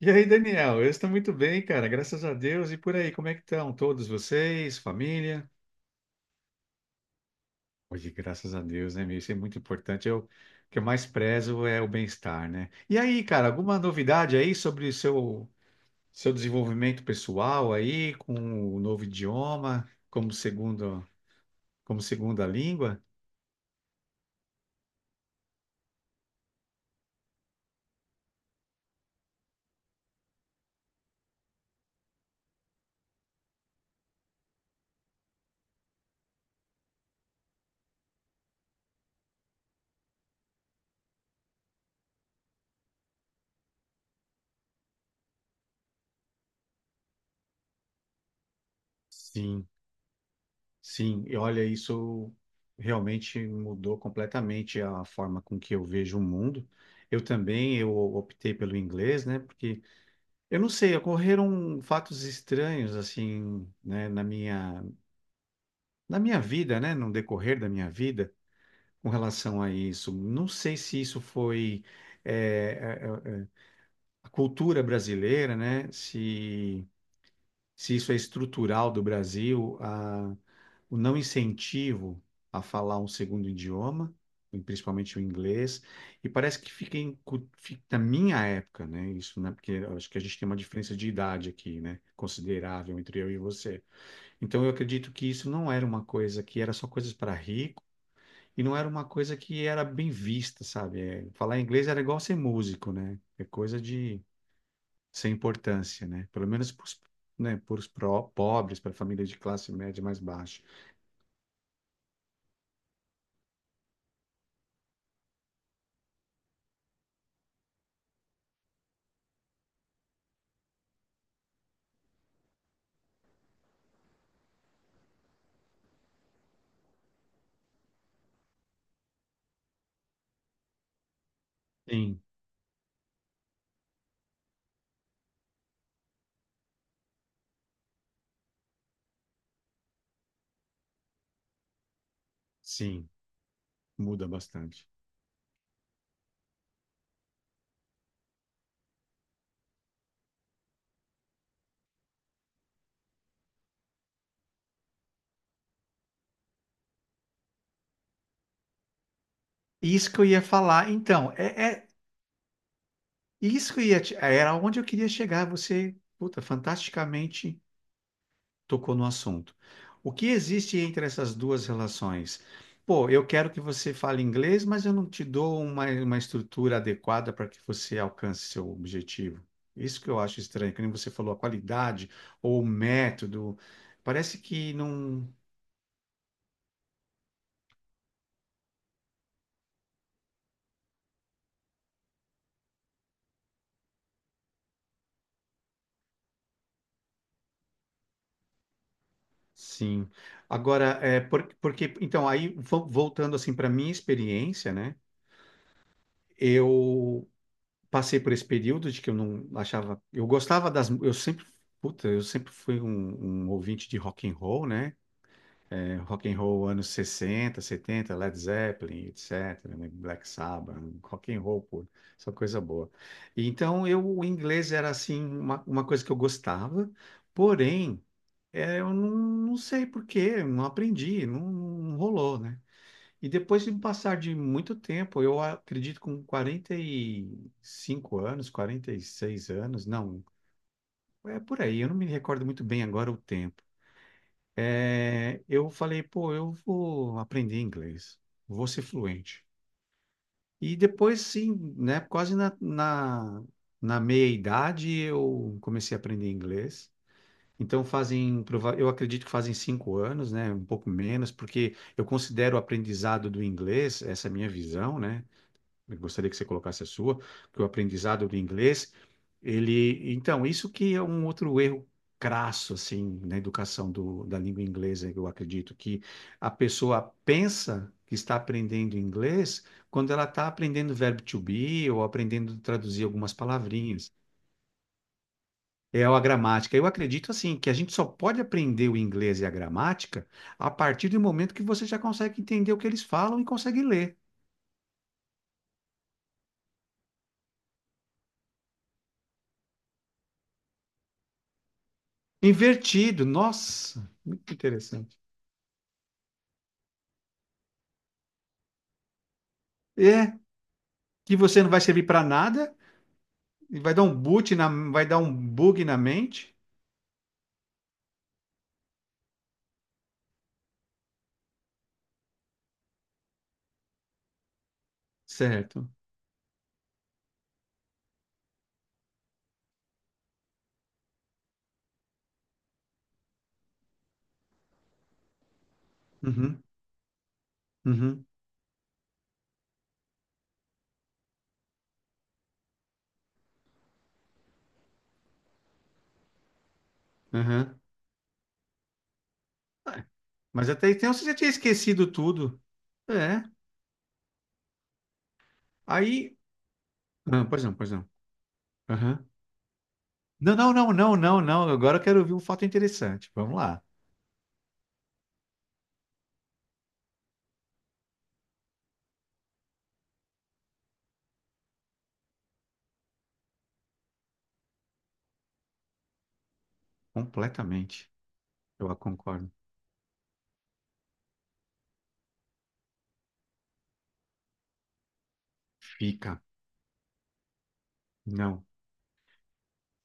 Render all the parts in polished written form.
E aí, Daniel? Eu estou muito bem, cara, graças a Deus. E por aí, como é que estão todos vocês, família? Hoje, graças a Deus, né, meu? Isso é muito importante. O que eu mais prezo é o bem-estar, né? E aí, cara, alguma novidade aí sobre o seu desenvolvimento pessoal aí, com o novo idioma, como segunda língua? Sim, sim. E olha, isso realmente mudou completamente a forma com que eu vejo o mundo. Eu também eu optei pelo inglês, né? Porque eu não sei, ocorreram fatos estranhos assim, né, na minha vida, né, no decorrer da minha vida, com relação a isso. Não sei se isso foi eh, eh, eh, a cultura brasileira, né, se isso é estrutural do Brasil, o não incentivo a falar um segundo idioma, principalmente o inglês, e parece que fica, na minha época, né? Isso, né? Porque eu acho que a gente tem uma diferença de idade aqui, né, considerável entre eu e você. Então eu acredito que isso não era uma coisa que era só coisas para rico. E não era uma coisa que era bem vista, sabe? É, falar inglês era igual ser músico, né? É coisa de sem importância, né? Pelo menos para os né, pros pobres, para a família de classe média mais baixa. Sim, sim, muda bastante. Isso que eu ia falar, então, é, é isso que eu ia te- era onde eu queria chegar. Você, puta, fantasticamente tocou no assunto. O que existe entre essas duas relações? Pô, eu quero que você fale inglês, mas eu não te dou uma estrutura adequada para que você alcance seu objetivo. Isso que eu acho estranho, que nem você falou, a qualidade ou o método. Parece que não. Sim. Agora, porque, então, aí voltando assim para minha experiência, né? Eu passei por esse período de que eu não achava. Eu gostava das. Eu sempre. Puta, eu sempre fui um ouvinte de rock and roll, né? É, rock and roll anos 60, 70, Led Zeppelin, etc, né? Black Sabbath, rock and roll, pô, só coisa boa. E então, o inglês era, assim, uma coisa que eu gostava, porém, é, eu não sei por quê, não aprendi, não, não rolou, né? E depois de um passar de muito tempo, eu acredito com 45 anos, 46 anos, não, é por aí, eu não me recordo muito bem agora o tempo. É, eu falei, pô, eu vou aprender inglês, vou ser fluente. E depois, sim, né, quase na meia-idade eu comecei a aprender inglês. Então fazem, eu acredito que fazem 5 anos, né, um pouco menos, porque eu considero o aprendizado do inglês, essa é a minha visão, né, eu gostaria que você colocasse a sua, que o aprendizado do inglês, ele, então, isso que é um outro erro crasso, assim, na educação da língua inglesa, eu acredito, que a pessoa pensa que está aprendendo inglês quando ela está aprendendo o verbo to be ou aprendendo a traduzir algumas palavrinhas. É a gramática. Eu acredito, assim, que a gente só pode aprender o inglês e a gramática a partir do momento que você já consegue entender o que eles falam e consegue ler. Invertido, nossa, muito interessante. É, que você não vai servir para nada, e vai dar um bug na mente. Certo. Uhum, uhum, uhum. É. Mas até então você já tinha esquecido tudo. É. Aí. Ah, pois não, pois não. Aham. Não, não, não, não, não, não. Agora eu quero ouvir um fato interessante. Vamos lá. Completamente. Eu concordo. Fica. Não.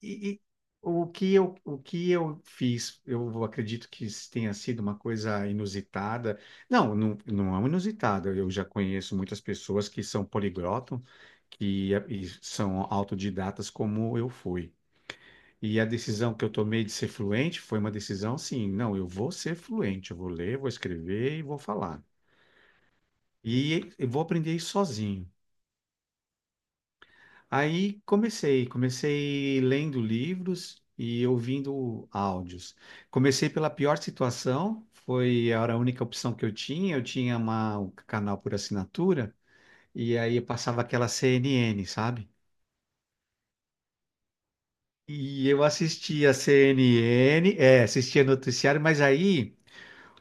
E o que eu fiz, eu acredito que isso tenha sido uma coisa inusitada. Não, não, não é uma inusitada. Eu já conheço muitas pessoas que são poliglotas, e são autodidatas como eu fui. E a decisão que eu tomei de ser fluente foi uma decisão, sim, não, eu vou ser fluente, eu vou ler, vou escrever e vou falar. E eu vou aprender isso sozinho. Aí comecei lendo livros e ouvindo áudios. Comecei pela pior situação, foi era a única opção que eu tinha. Eu tinha um canal por assinatura e aí eu passava aquela CNN, sabe? E eu assistia CNN, é, assistia noticiário, mas aí,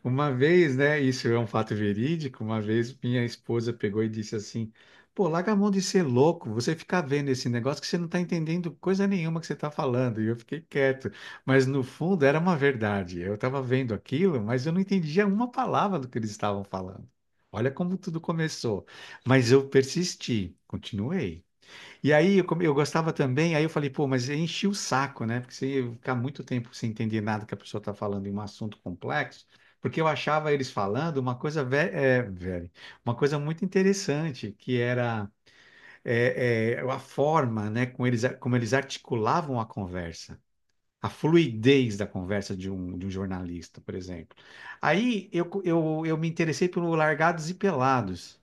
uma vez, né? Isso é um fato verídico. Uma vez minha esposa pegou e disse assim: pô, larga a mão de ser louco, você ficar vendo esse negócio que você não está entendendo coisa nenhuma que você está falando. E eu fiquei quieto. Mas no fundo era uma verdade. Eu estava vendo aquilo, mas eu não entendia uma palavra do que eles estavam falando. Olha como tudo começou. Mas eu persisti, continuei. E aí eu gostava também, aí eu falei, pô, mas enchi o saco, né? Porque você ia ficar muito tempo sem entender nada que a pessoa está falando em um assunto complexo, porque eu achava eles falando uma coisa, velho, uma coisa muito interessante, que era, a forma, né, como eles articulavam a conversa, a fluidez da conversa de um jornalista, por exemplo. Aí eu me interessei pelo Largados e Pelados.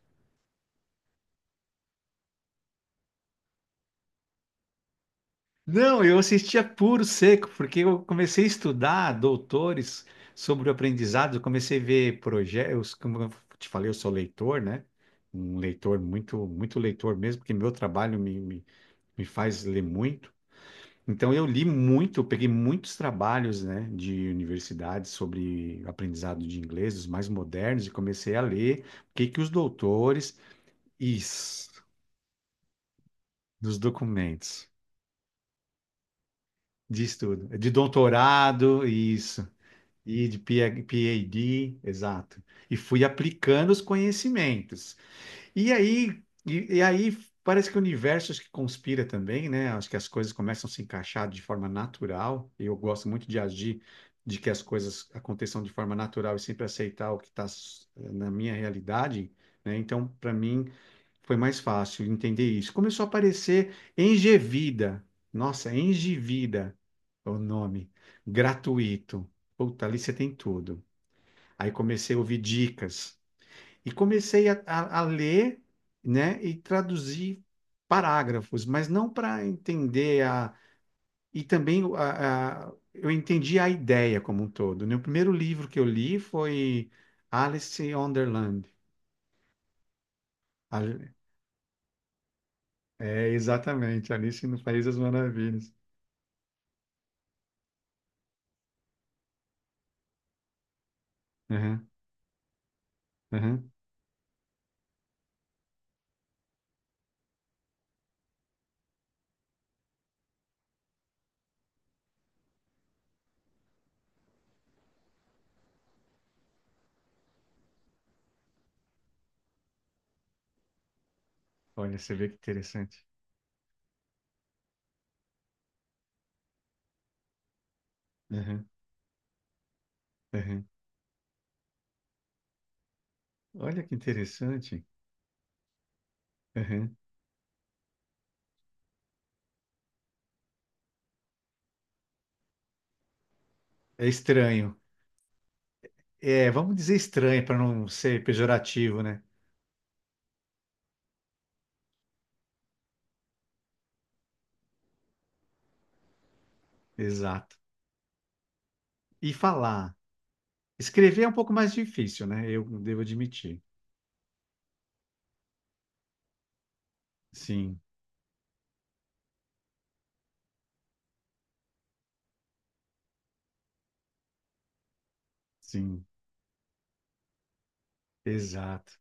Não, eu assistia puro seco, porque eu comecei a estudar doutores sobre o aprendizado, eu comecei a ver projetos, como eu te falei, eu sou leitor, né? Um leitor muito, muito leitor mesmo, porque meu trabalho me faz ler muito. Então eu li muito, eu peguei muitos trabalhos, né, de universidades sobre aprendizado de inglês, os mais modernos, e comecei a ler o que que os doutores isso, dos documentos de estudo, de doutorado, isso. E de PH PhD, exato. E fui aplicando os conhecimentos. E aí, parece que o universo acho que conspira também, né? Acho que as coisas começam a se encaixar de forma natural. Eu gosto muito de agir, de que as coisas aconteçam de forma natural e sempre aceitar o que está na minha realidade, né? Então, para mim, foi mais fácil entender isso. Começou a aparecer Engevida. Nossa, Engevida é o nome. Gratuito. Puta, ali você tem tudo. Aí comecei a ouvir dicas. E comecei a ler, né, e traduzir parágrafos, mas não para entender a. E também eu entendi a ideia como um todo, né? O primeiro livro que eu li foi Alice in Wonderland. A- É, exatamente, Alice no País das Maravilhas. Aham, aham. Olha, você vê que interessante. Aham, aham. Olha que interessante. Aham. É estranho. É, vamos dizer estranho para não ser pejorativo, né? Exato. E falar. Escrever é um pouco mais difícil, né? Eu devo admitir. Sim, sim. Exato.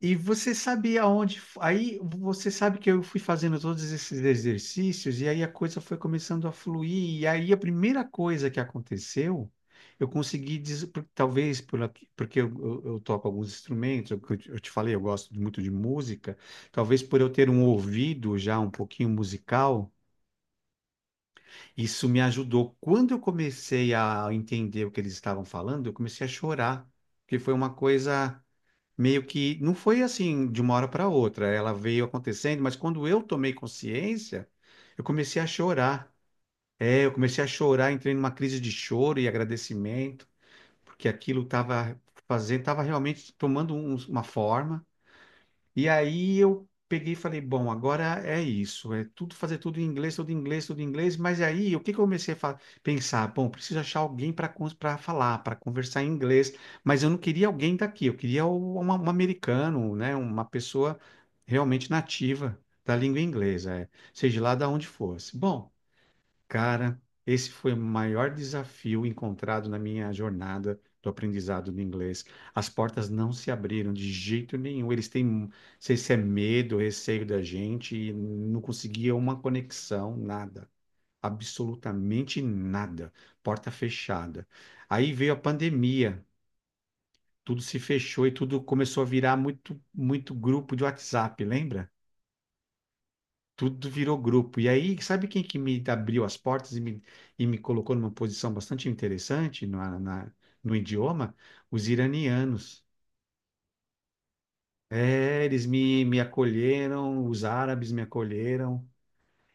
E você sabia onde. Aí você sabe que eu fui fazendo todos esses exercícios, e aí a coisa foi começando a fluir. E aí a primeira coisa que aconteceu, eu consegui, porque eu toco alguns instrumentos, eu te falei, eu gosto muito de música, talvez por eu ter um ouvido já um pouquinho musical, isso me ajudou. Quando eu comecei a entender o que eles estavam falando, eu comecei a chorar, porque foi uma coisa meio que não foi assim de uma hora para outra, ela veio acontecendo, mas quando eu tomei consciência, eu comecei a chorar. É, eu comecei a chorar, entrei numa crise de choro e agradecimento, porque aquilo estava fazendo, estava realmente tomando uma forma. E aí eu peguei e falei, bom, agora é isso, é tudo, fazer tudo em inglês, tudo em inglês, tudo em inglês. Mas aí o que que eu comecei a pensar? Bom, preciso achar alguém para falar, para conversar em inglês. Mas eu não queria alguém daqui, eu queria um, americano, né, uma pessoa realmente nativa da língua inglesa, é, seja lá de onde fosse. Bom. Cara, esse foi o maior desafio encontrado na minha jornada do aprendizado do inglês. As portas não se abriram de jeito nenhum. Eles têm, não sei se é medo, receio da gente, e não conseguia uma conexão, nada. Absolutamente nada. Porta fechada. Aí veio a pandemia, tudo se fechou e tudo começou a virar muito, muito grupo de WhatsApp, lembra? Tudo virou grupo. E aí, sabe quem que me abriu as portas e e me colocou numa posição bastante interessante no, idioma? Os iranianos. É, eles me acolheram, os árabes me acolheram.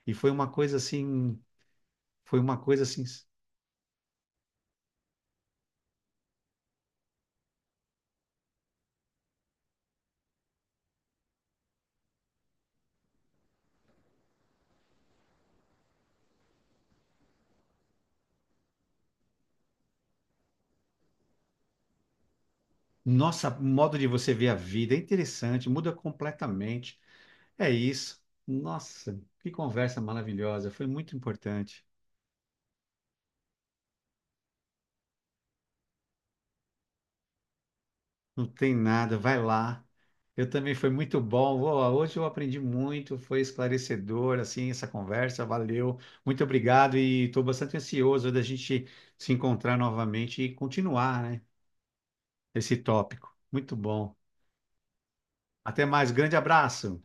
E foi uma coisa assim, nossa, o modo de você ver a vida é interessante, muda completamente. É isso. Nossa, que conversa maravilhosa, foi muito importante. Não tem nada, vai lá. Eu também foi muito bom. Ó, hoje eu aprendi muito, foi esclarecedor assim essa conversa, valeu. Muito obrigado e estou bastante ansioso da gente se encontrar novamente e continuar, né, esse tópico. Muito bom. Até mais, grande abraço.